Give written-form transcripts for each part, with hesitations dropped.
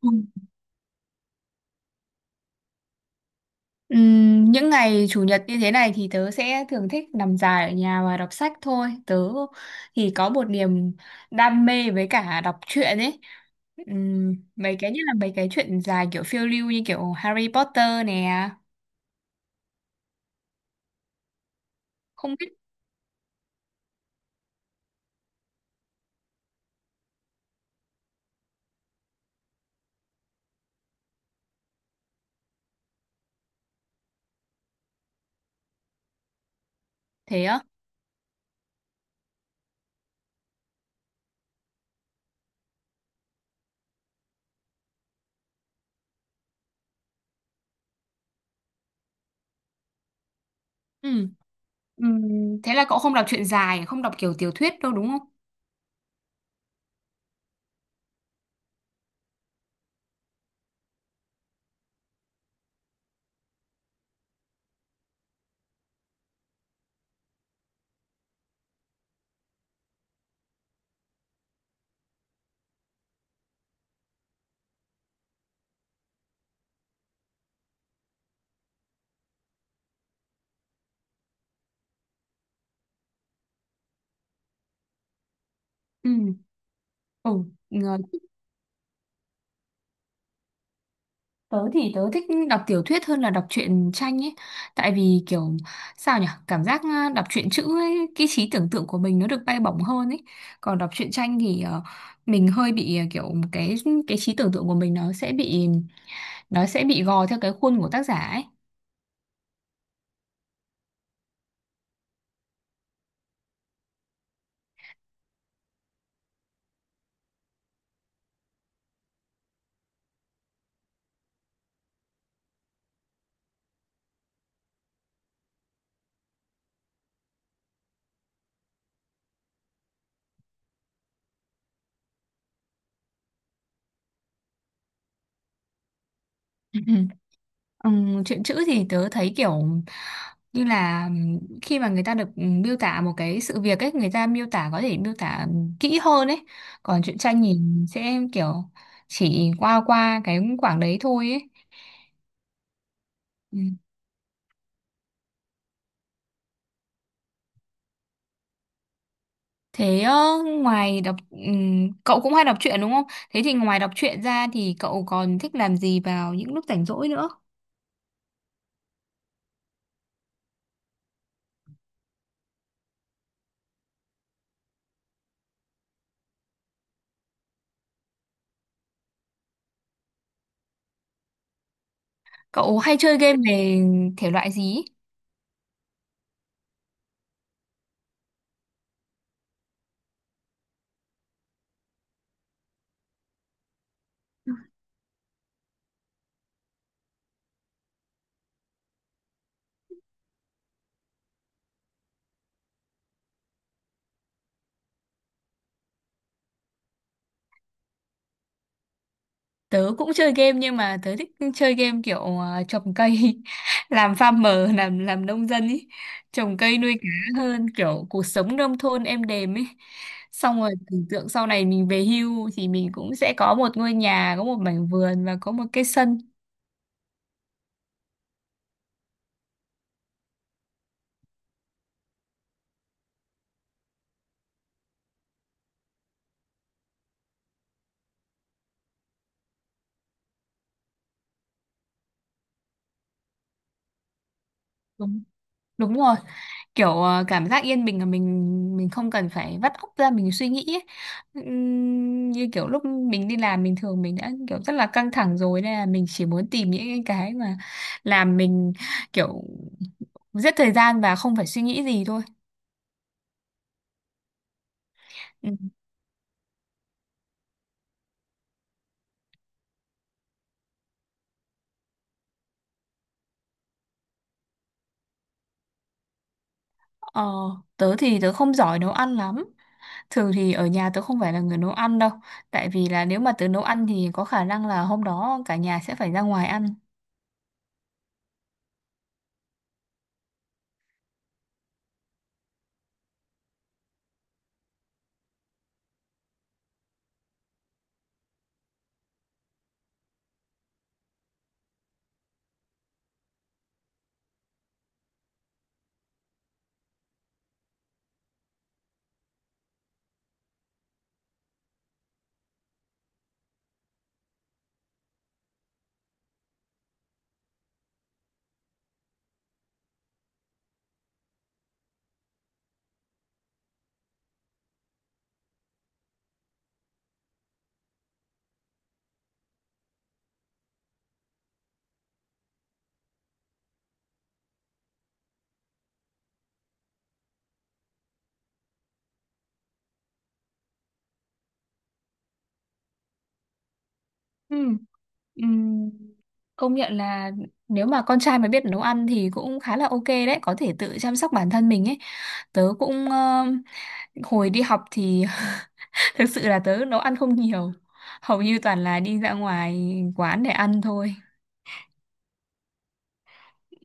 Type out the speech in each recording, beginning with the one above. Không. Những ngày chủ nhật như thế này thì tớ sẽ thường thích nằm dài ở nhà và đọc sách thôi. Tớ thì có một niềm đam mê với cả đọc truyện ấy. Mấy cái nhất là mấy cái truyện dài kiểu phiêu lưu như kiểu Harry Potter nè. Không biết thế á. Ừm. Ừm, Thế là cậu không đọc truyện dài, không đọc kiểu tiểu thuyết đâu đúng không? Ừ. Ừ. Tớ thì tớ thích đọc tiểu thuyết hơn là đọc truyện tranh ấy. Tại vì kiểu sao nhỉ? Cảm giác đọc truyện chữ ấy, cái trí tưởng tượng của mình nó được bay bổng hơn ấy. Còn đọc truyện tranh thì mình hơi bị à, kiểu cái trí tưởng tượng của mình nó sẽ bị gò theo cái khuôn của tác giả ấy. Chuyện chữ thì tớ thấy kiểu như là khi mà người ta được miêu tả một cái sự việc ấy người ta miêu tả có thể miêu tả kỹ hơn ấy, còn truyện tranh nhìn sẽ kiểu chỉ qua qua cái khoảng đấy thôi ấy. Ừm. Thế ngoài đọc cậu cũng hay đọc truyện đúng không, thế thì ngoài đọc truyện ra thì cậu còn thích làm gì vào những lúc rảnh rỗi nữa? Cậu hay chơi game về thể loại gì? Tớ cũng chơi game nhưng mà tớ thích chơi game kiểu trồng cây, làm farmer, làm nông dân ý, trồng cây nuôi cá hơn kiểu cuộc sống nông thôn êm đềm ấy. Xong rồi tưởng tượng sau này mình về hưu thì mình cũng sẽ có một ngôi nhà, có một mảnh vườn và có một cái sân. Đúng, đúng rồi. Kiểu cảm giác yên bình là mình không cần phải vắt óc ra mình suy nghĩ ấy. Như kiểu lúc mình đi làm bình thường mình đã kiểu rất là căng thẳng rồi nên là mình chỉ muốn tìm những cái mà làm mình kiểu giết thời gian và không phải suy nghĩ gì thôi. Ừ. ờ, Tớ thì tớ không giỏi nấu ăn lắm, thường thì ở nhà tớ không phải là người nấu ăn đâu, tại vì là nếu mà tớ nấu ăn thì có khả năng là hôm đó cả nhà sẽ phải ra ngoài ăn. Ừ. Ừm, Công nhận là nếu mà con trai mà biết nấu ăn thì cũng khá là ok đấy, có thể tự chăm sóc bản thân mình ấy. Tớ cũng hồi đi học thì thực sự là tớ nấu ăn không nhiều, hầu như toàn là đi ra ngoài quán để ăn thôi.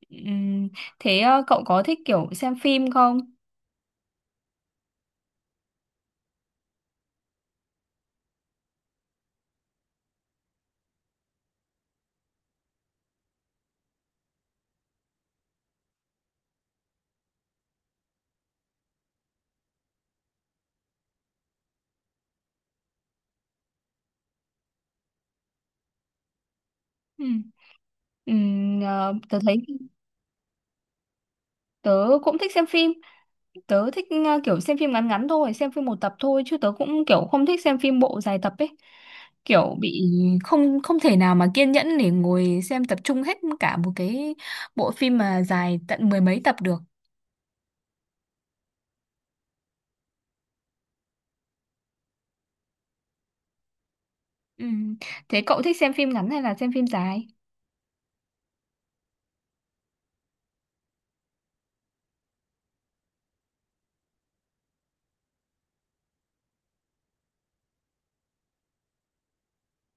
Ừm, Thế cậu có thích kiểu xem phim không? Ừ. Ờ, Tớ thấy tớ cũng thích xem phim, tớ thích kiểu xem phim ngắn ngắn thôi, xem phim một tập thôi chứ tớ cũng kiểu không thích xem phim bộ dài tập ấy, kiểu bị không không thể nào mà kiên nhẫn để ngồi xem tập trung hết cả một cái bộ phim mà dài tận mười mấy tập được. Ừ. Thế cậu thích xem phim ngắn hay là xem phim dài?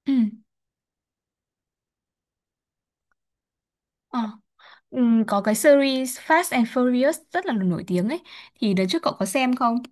Ừ. Ờ. Ừ, có cái series Fast and Furious rất là nổi tiếng ấy, thì đợt trước cậu có xem không?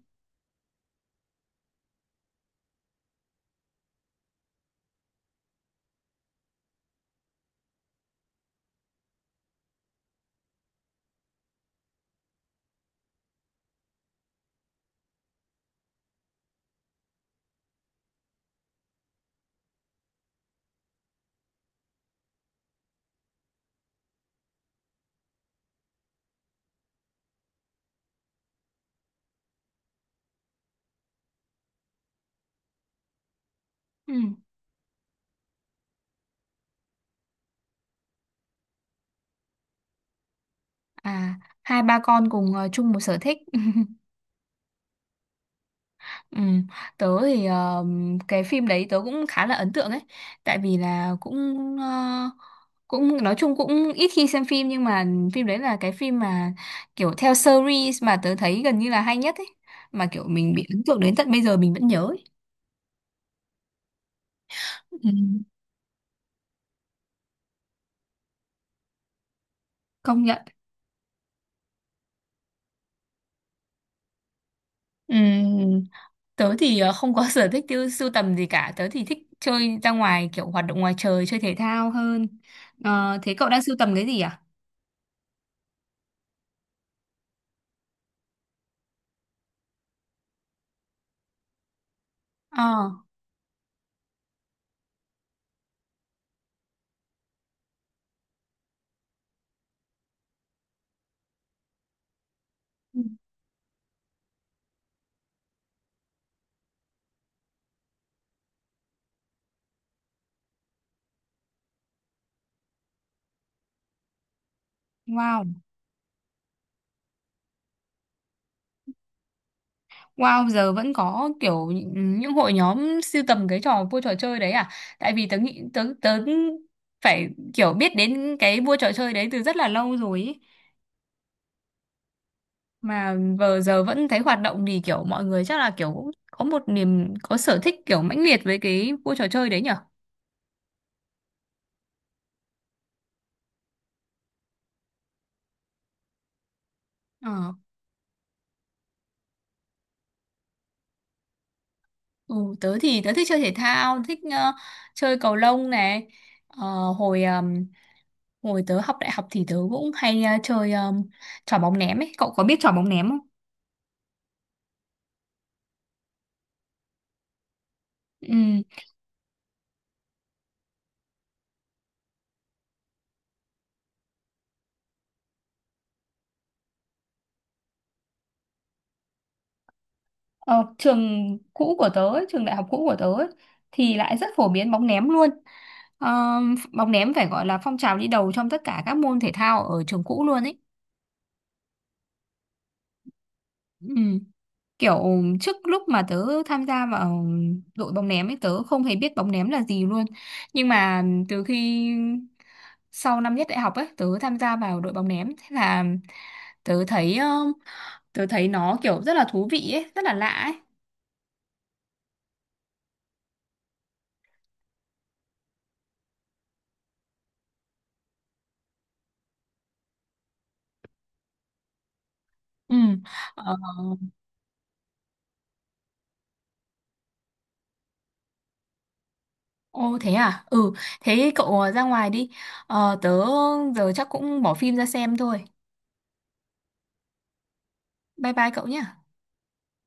Ừ. À, hai ba con cùng chung một sở thích. Ừ. Tớ thì cái phim đấy tớ cũng khá là ấn tượng ấy, tại vì là cũng ờ, cũng nói chung cũng ít khi xem phim nhưng mà phim đấy là cái phim mà kiểu theo series mà tớ thấy gần như là hay nhất ấy, mà kiểu mình bị ấn tượng đến tận bây giờ mình vẫn nhớ ấy. Ừ. Công nhận. Ừ. Tớ thì không có sở thích tiêu sưu tầm gì cả, tớ thì thích chơi ra ngoài kiểu hoạt động ngoài trời chơi thể thao hơn. Ờ, thế cậu đang sưu tầm cái gì à? Ờ. Ừ. Wow. Wow, giờ vẫn có kiểu những hội nhóm sưu tầm cái trò vua trò chơi đấy à? Tại vì tớ nghĩ tớ tớ phải kiểu biết đến cái vua trò chơi đấy từ rất là lâu rồi ý. Mà vừa giờ vẫn thấy hoạt động thì kiểu mọi người chắc là kiểu cũng có một niềm có sở thích kiểu mãnh liệt với cái vua trò chơi đấy nhở? Ờ, ừ, tớ thì tớ thích chơi thể thao, thích chơi cầu lông này. Ờ, hồi hồi tớ học đại học thì tớ cũng hay chơi trò bóng ném ấy. Cậu có biết trò bóng ném không? Ừ. Ờ, trường cũ của tớ ấy, trường đại học cũ của tớ ấy, thì lại rất phổ biến bóng ném luôn. Ờ, bóng ném phải gọi là phong trào đi đầu trong tất cả các môn thể thao ở trường cũ luôn ấy. Ừ. Kiểu trước lúc mà tớ tham gia vào đội bóng ném ấy tớ không hề biết bóng ném là gì luôn. Nhưng mà từ khi sau năm nhất đại học ấy tớ tham gia vào đội bóng ném, thế là tớ thấy tớ thấy nó kiểu rất là thú vị ấy, rất là lạ ấy. Ừ. Ờ. Ồ thế à? Ừ, thế cậu ra ngoài đi. Ờ, tớ giờ chắc cũng bỏ phim ra xem thôi. Bye bye cậu nhé.